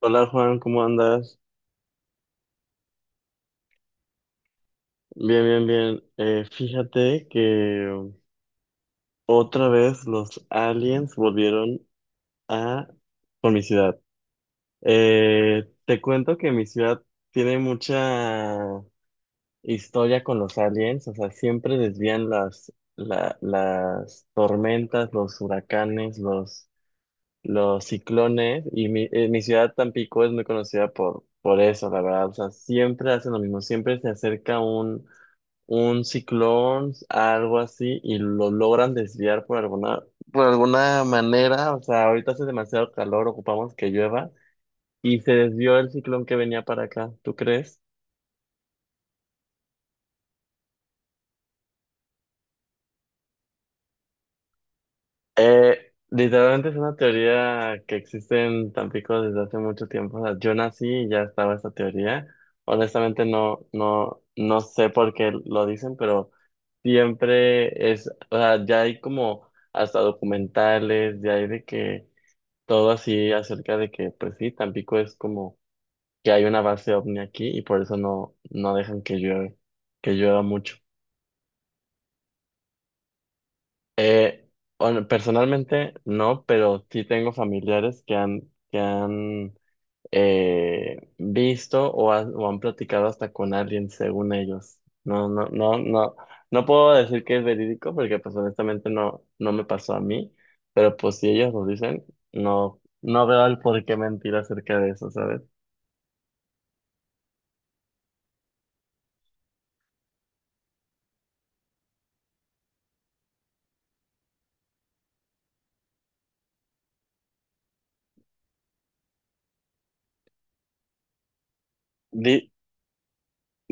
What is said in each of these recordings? Hola Juan, ¿cómo andas? Bien, bien, bien. Fíjate que otra vez los aliens volvieron a por mi ciudad. Te cuento que mi ciudad tiene mucha historia con los aliens, o sea, siempre desvían las tormentas, los huracanes, los ciclones, y mi ciudad Tampico es muy conocida por eso, la verdad, o sea, siempre hacen lo mismo, siempre se acerca un ciclón, algo así, y lo logran desviar por alguna manera. O sea, ahorita hace demasiado calor, ocupamos que llueva, y se desvió el ciclón que venía para acá. ¿Tú crees? Literalmente es una teoría que existe en Tampico desde hace mucho tiempo. O sea, yo nací y ya estaba esta teoría. Honestamente no sé por qué lo dicen, pero siempre es, o sea, ya hay como hasta documentales, ya hay de que todo así acerca de que, pues sí, Tampico es como que hay una base ovni aquí y por eso no dejan que llueve, que llueva mucho. Eh, Personalmente no, pero sí tengo familiares que han visto o han platicado hasta con alguien, según ellos. No, no, no, no, no puedo decir que es verídico porque pues honestamente no me pasó a mí, pero pues si ellos lo dicen, no veo el por qué mentir acerca de eso, ¿sabes? Di-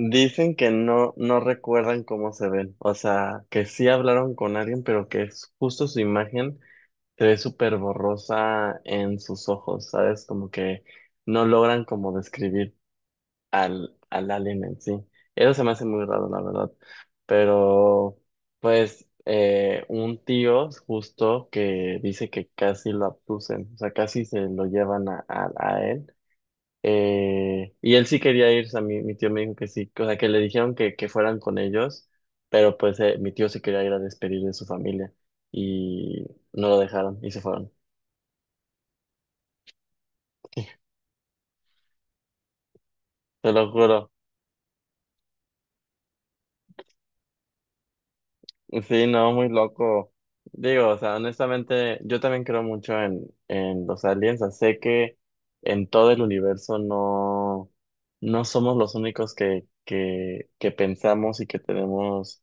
Dicen que no recuerdan cómo se ven, o sea, que sí hablaron con alguien, pero que es justo su imagen se ve súper borrosa en sus ojos, ¿sabes? Como que no logran como describir al alien en sí. Eso se me hace muy raro, la verdad. Pero, pues, un tío justo que dice que casi lo abducen, o sea, casi se lo llevan a él, y él sí quería ir, o sea, mi tío me dijo que sí, o sea, que le dijeron que fueran con ellos, pero pues mi tío se quería ir a despedir de su familia y no lo dejaron y se fueron. Te lo juro. Sí, no, muy loco. Digo, o sea, honestamente, yo también creo mucho en los aliens. O sea, sé que en todo el universo no somos los únicos que pensamos y que tenemos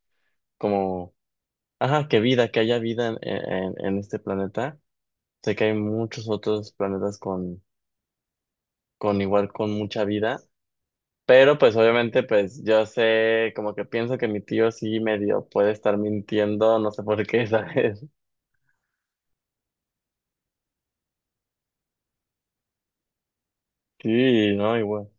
como. Ajá, que haya vida en este planeta. Sé que hay muchos otros planetas con igual, con mucha vida, pero pues obviamente pues yo sé, como que pienso que mi tío sí medio puede estar mintiendo, no sé por qué, ¿sabes? Sí, no, igual.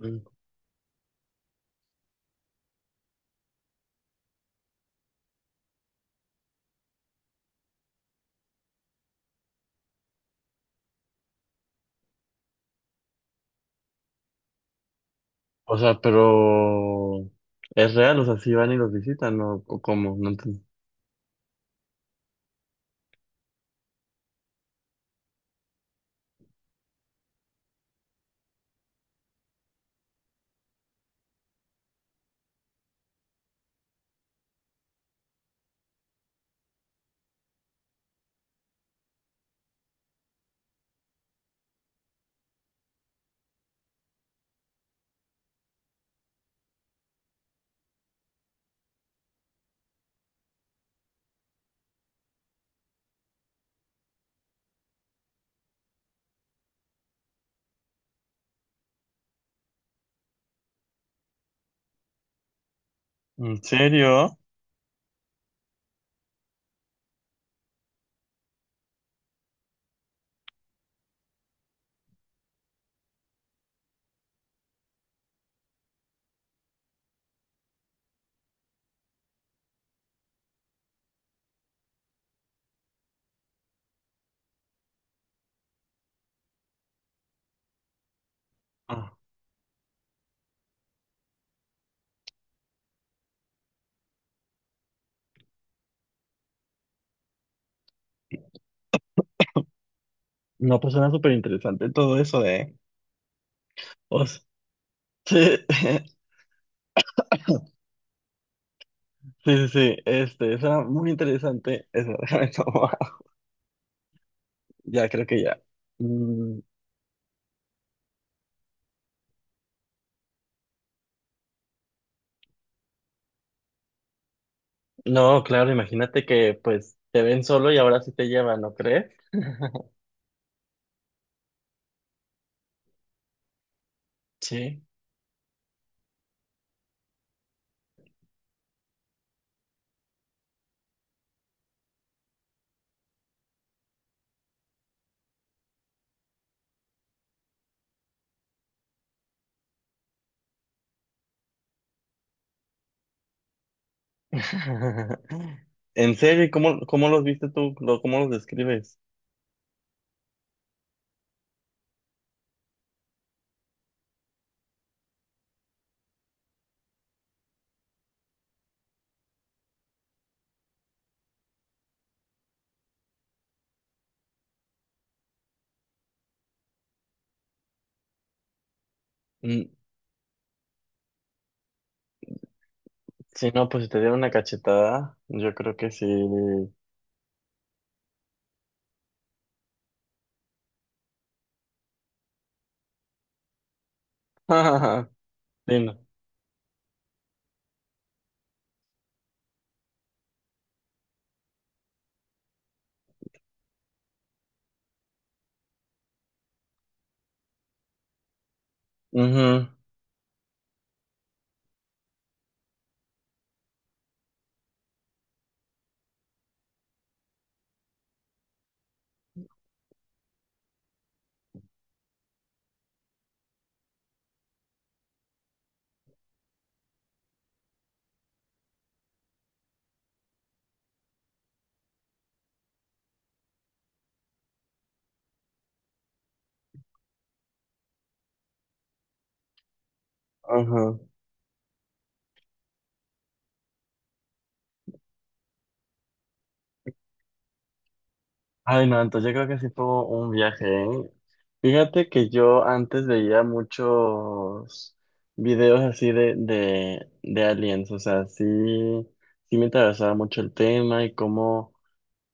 Mm. O sea, pero es real, o sea, sí van y los visitan, ¿no? ¿O cómo? No entiendo. ¿En serio? Ah, no, pues suena súper interesante todo eso, ¿eh? O sea, sí. Sí, sí, sí, este, esa muy interesante, esa, déjame tomar. Ya, creo que ya. Mm, no, claro, imagínate que pues te ven solo y ahora sí te llevan, ¿no crees? Sí. En serio, ¿y cómo los viste tú? ¿Cómo los describes? Mm, sí, no, pues si te dieron una cachetada, yo creo que sí. Sí, no. Ujú, ujú. Ay, no, entonces yo creo que sí fue un viaje, ¿eh? Fíjate que yo antes veía muchos videos así de aliens, o sea, sí, sí me interesaba mucho el tema y cómo,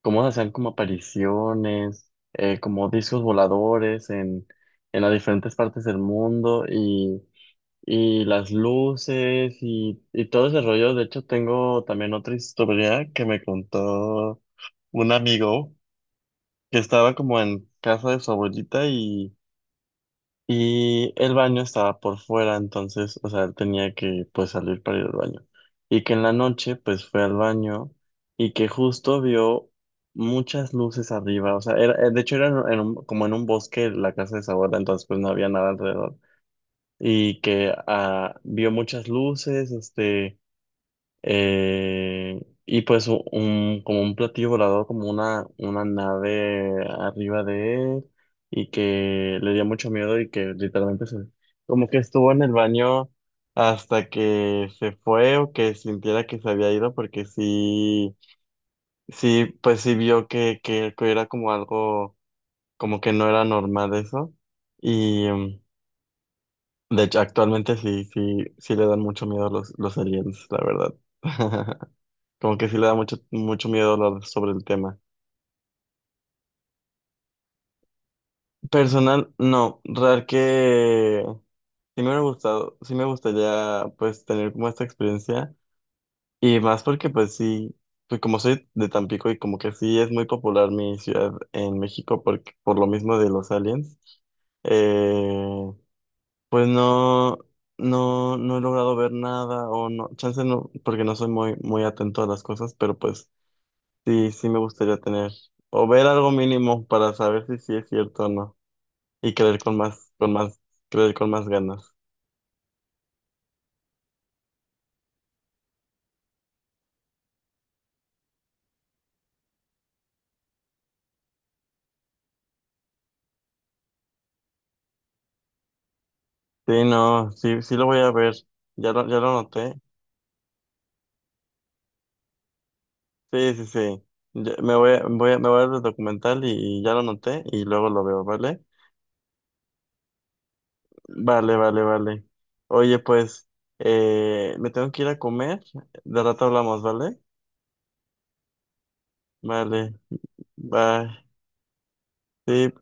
cómo hacían como apariciones, como discos voladores en las diferentes partes del mundo y las luces y todo ese rollo. De hecho, tengo también otra historia que me contó un amigo que estaba como en casa de su abuelita y el baño estaba por fuera, entonces, o sea, él tenía que pues salir para ir al baño. Y que en la noche pues fue al baño y que justo vio muchas luces arriba, o sea, era, de hecho era en como en un bosque la casa de su abuela, entonces pues no había nada alrededor. Y que ah, vio muchas luces, este... Eh, y pues un, como un platillo volador, como una nave arriba de él y que le dio mucho miedo y que literalmente se, como que estuvo en el baño hasta que se fue o que sintiera que se había ido porque sí, sí, pues sí vio que era como algo, como que no era normal eso y de hecho actualmente sí, sí, sí le dan mucho miedo los aliens, la verdad. Como que sí le da mucho, mucho miedo hablar sobre el tema. Personal, no. Real que sí me hubiera gustado, sí me gustaría pues tener como esta experiencia. Y más porque pues sí, pues como soy de Tampico y como que sí es muy popular mi ciudad en México porque, por lo mismo de los aliens. Eh, pues no, no he logrado ver nada o no, chance no, porque no soy muy, muy atento a las cosas, pero pues sí, sí me gustaría tener o ver algo mínimo para saber si sí es cierto o no y creer con más, creer con más ganas. Sí, no, sí, sí lo voy a ver. Ya lo noté. Sí, sí, sí. Me voy a ver el documental y ya lo noté y luego lo veo, ¿vale? Vale, vale, vale. Oye, pues, me tengo que ir a comer. De rato hablamos, ¿vale? Vale. Bye. Sí.